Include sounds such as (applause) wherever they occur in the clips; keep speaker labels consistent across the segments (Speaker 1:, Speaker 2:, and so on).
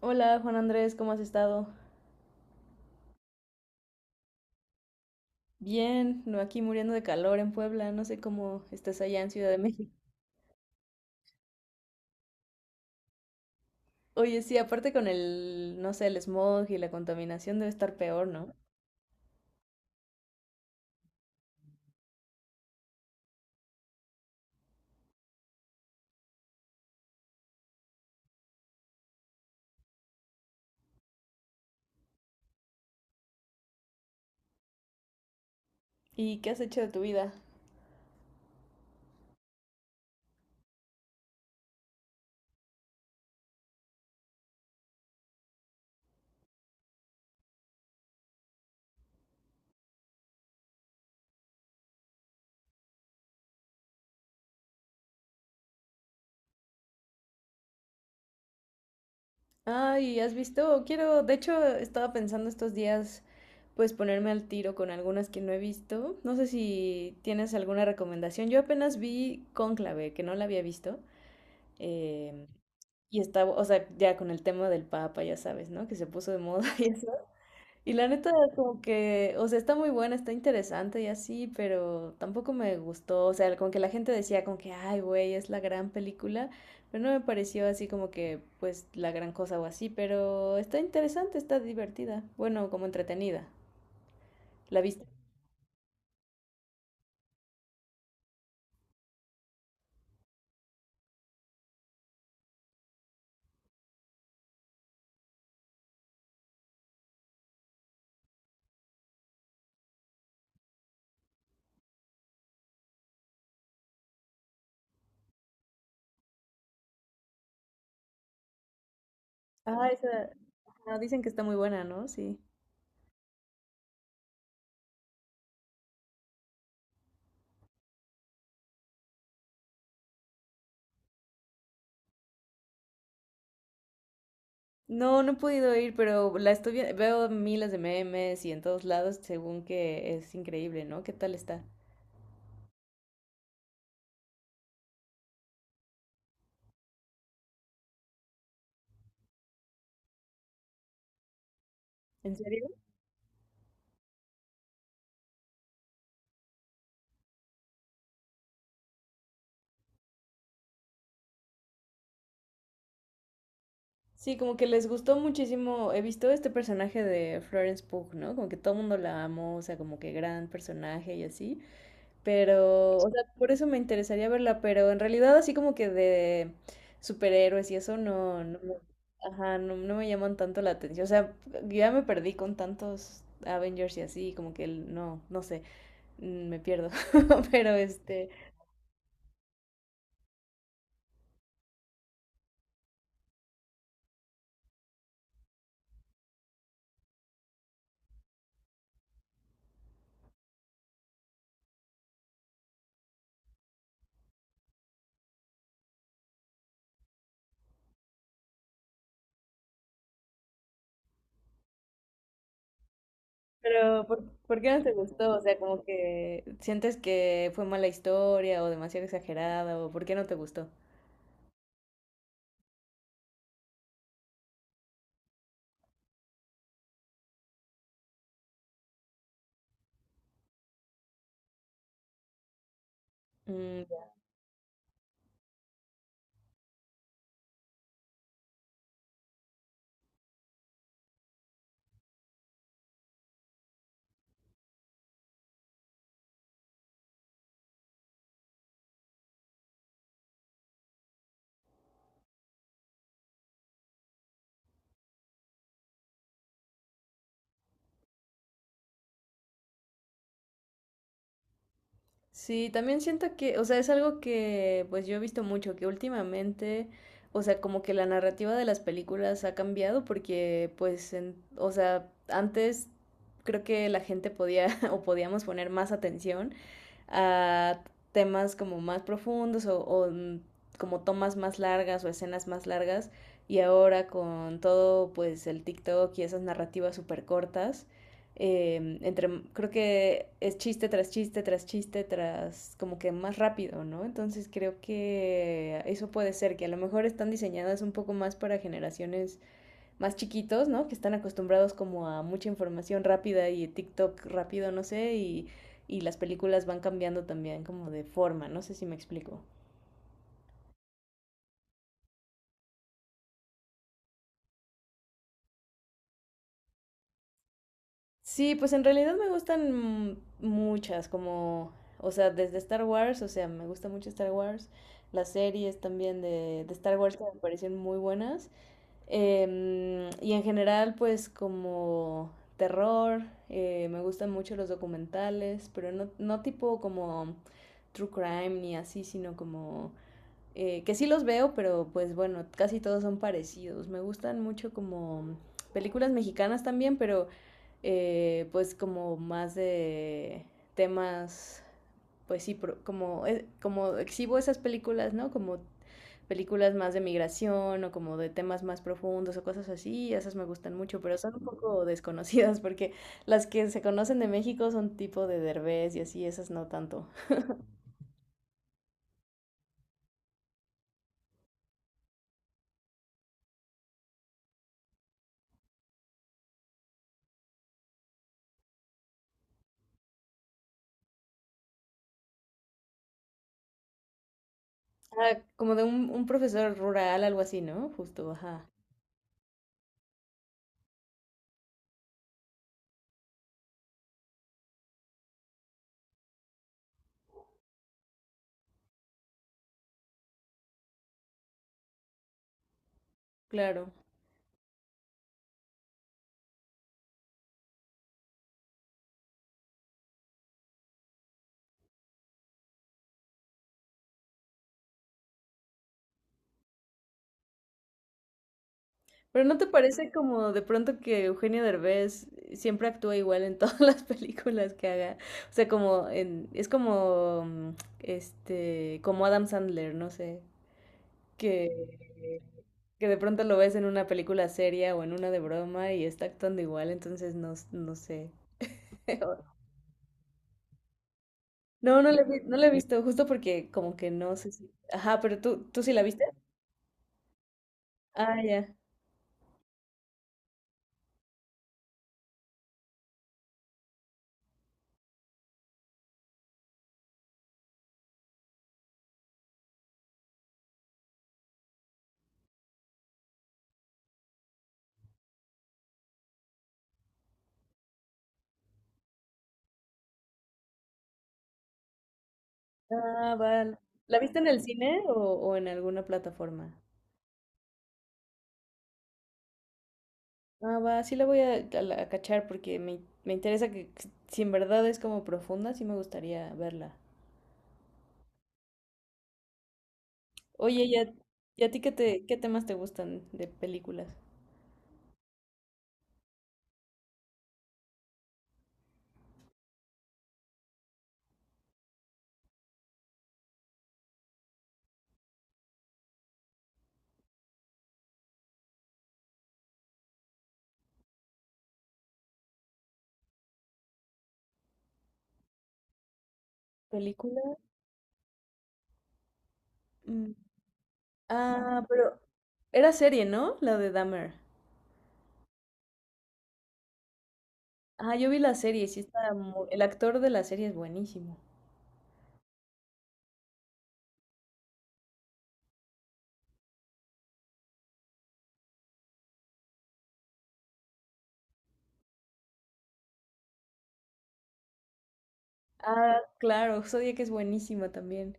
Speaker 1: Hola Juan Andrés, ¿cómo has estado? Bien, no aquí muriendo de calor en Puebla, no sé cómo estás allá en Ciudad de México. Oye, sí, aparte con no sé, el smog y la contaminación debe estar peor, ¿no? ¿Y qué has hecho de tu vida? Ay, ¿has visto? Quiero, de hecho, estaba pensando estos días, pues ponerme al tiro con algunas que no he visto. No sé si tienes alguna recomendación. Yo apenas vi Cónclave, que no la había visto. em, y estaba, o sea, ya con el tema del Papa, ya sabes, ¿no? Que se puso de moda (laughs) y eso. Y la neta, como que, o sea, está muy buena, está interesante y así, pero tampoco me gustó. O sea, como que la gente decía como que, ay, güey, es la gran película, pero no me pareció así como que, pues, la gran cosa o así, pero está interesante, está divertida. Bueno, como entretenida. ¿La viste? Ah, esa. Ajá, dicen que está muy buena, ¿no? Sí. No, no he podido ir, pero la estoy viendo, veo miles de memes y en todos lados, según que es increíble, ¿no? ¿Qué tal está? ¿En serio? Sí, como que les gustó muchísimo. He visto este personaje de Florence Pugh, ¿no? Como que todo el mundo la amó, o sea, como que gran personaje y así. Pero, o sea, por eso me interesaría verla, pero en realidad así como que de superhéroes y eso no, no, me- ajá, no, no me llaman tanto la atención. O sea, ya me perdí con tantos Avengers y así, como que el- no, no sé, mm, me pierdo. (laughs) Pero este, pero, ¿por qué no te gustó? O sea, como que sientes que fue mala historia o demasiado exagerada o ¿por qué no te gustó? Mm, ya. Sí, también siento que, o sea, es algo que pues yo he visto mucho, que últimamente, o sea, como que la narrativa de las películas ha cambiado porque pues, en- o sea, antes creo que la gente podía (laughs) o podíamos poner más atención a temas como más profundos o mm, como tomas más largas o escenas más largas y ahora con todo pues el TikTok y esas narrativas súper cortas, entre, creo que es chiste tras chiste, tras chiste, tras como que más rápido, ¿no? Entonces creo que eso puede ser, que a lo mejor están diseñadas un poco más para generaciones más chiquitos, ¿no? Que están acostumbrados como a mucha información rápida y TikTok rápido, no sé, y las películas van cambiando también como de forma, no sé si me explico. Sí, pues en realidad me gustan muchas, como, o sea, desde Star Wars, o sea, me gusta mucho Star Wars, las series también de Star Wars que me parecen muy buenas. Y en general, pues como terror, me gustan mucho los documentales, pero no, no tipo como true crime ni así, sino como que sí los veo, pero pues bueno, casi todos son parecidos. Me gustan mucho como películas mexicanas también, pero pues como más de temas, pues sí, pro- como, como exhibo esas películas, ¿no? Como películas más de migración o como de temas más profundos o cosas así, y esas me gustan mucho, pero son un poco (laughs) desconocidas porque las que se conocen de México son tipo de Derbez y así, esas no tanto. Ah, como de un profesor rural, algo así, ¿no? Justo, ajá, claro. Pero ¿no te parece como de pronto que Eugenio Derbez siempre actúa igual en todas (laughs) las películas que haga? O sea, como en, es como mm, este, como Adam Sandler, no sé. que, que de pronto lo ves en una película seria o en una de broma y está actuando igual, entonces no, s- no sé. No, no la, he- vi- no la he visto, justo porque como que no sé si... Ajá, pero tú, ¿tú sí la viste? Ah, ya. Ah, va. ¿La viste en el cine o en alguna plataforma? Ah, va, sí la voy a la- a cachar porque me interesa que si en verdad es como profunda, sí me gustaría verla. Oye, y a ti qué te, qué temas te gustan de películas? ¿Película? Ah, pero era serie, ¿no? La de Dahmer. Ah, yo vi la serie, sí está mu- el actor de la serie es buenísimo. Ah, claro, Zodiac es buenísima también.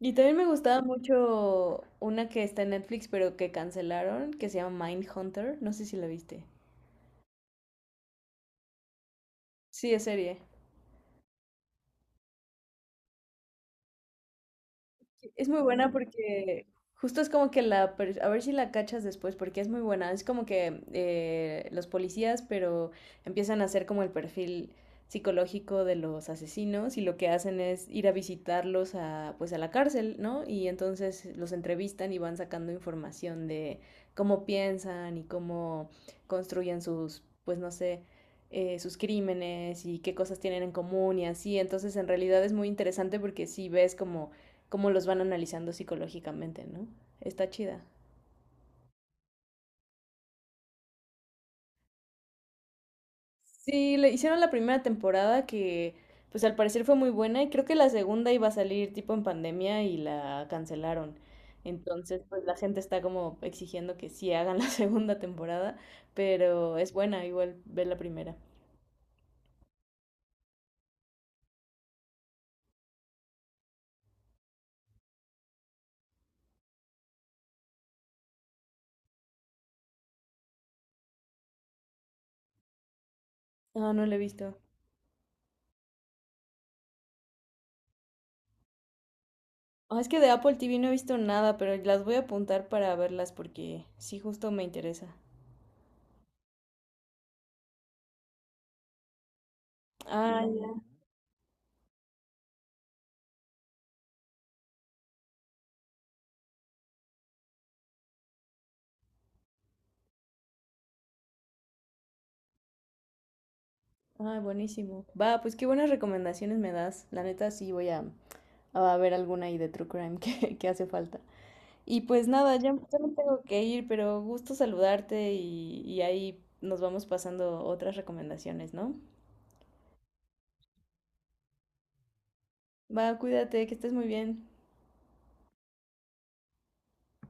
Speaker 1: Y también me gustaba mucho una que está en Netflix, pero que cancelaron, que se llama Mindhunter. No sé si la viste. Sí, es serie. Es muy buena porque justo es como que la... per- a ver si la cachas después porque es muy buena. Es como que los policías, pero empiezan a hacer como el perfil psicológico de los asesinos y lo que hacen es ir a visitarlos a, pues a la cárcel, ¿no? Y entonces los entrevistan y van sacando información de cómo piensan y cómo construyen sus, pues no sé, sus crímenes y qué cosas tienen en común y así. Entonces en realidad es muy interesante porque si ves como cómo los van analizando psicológicamente, ¿no? Está chida. Sí, le hicieron la primera temporada que pues al parecer fue muy buena y creo que la segunda iba a salir tipo en pandemia y la cancelaron. Entonces, pues la gente está como exigiendo que sí hagan la (laughs) segunda temporada, pero es buena igual ver la primera. Ah, no la he visto. Ah, es que de Apple TV no he visto nada, pero las voy a apuntar para verlas porque sí justo me interesa. Ah, ah, buenísimo. Va, pues qué buenas recomendaciones me das. La neta sí voy a ver alguna ahí de true crime (laughs) que hace falta. Y pues nada, ya, ya me tengo que ir, pero gusto saludarte y ahí nos vamos pasando otras recomendaciones, ¿no? Va, cuídate, que estés muy bien.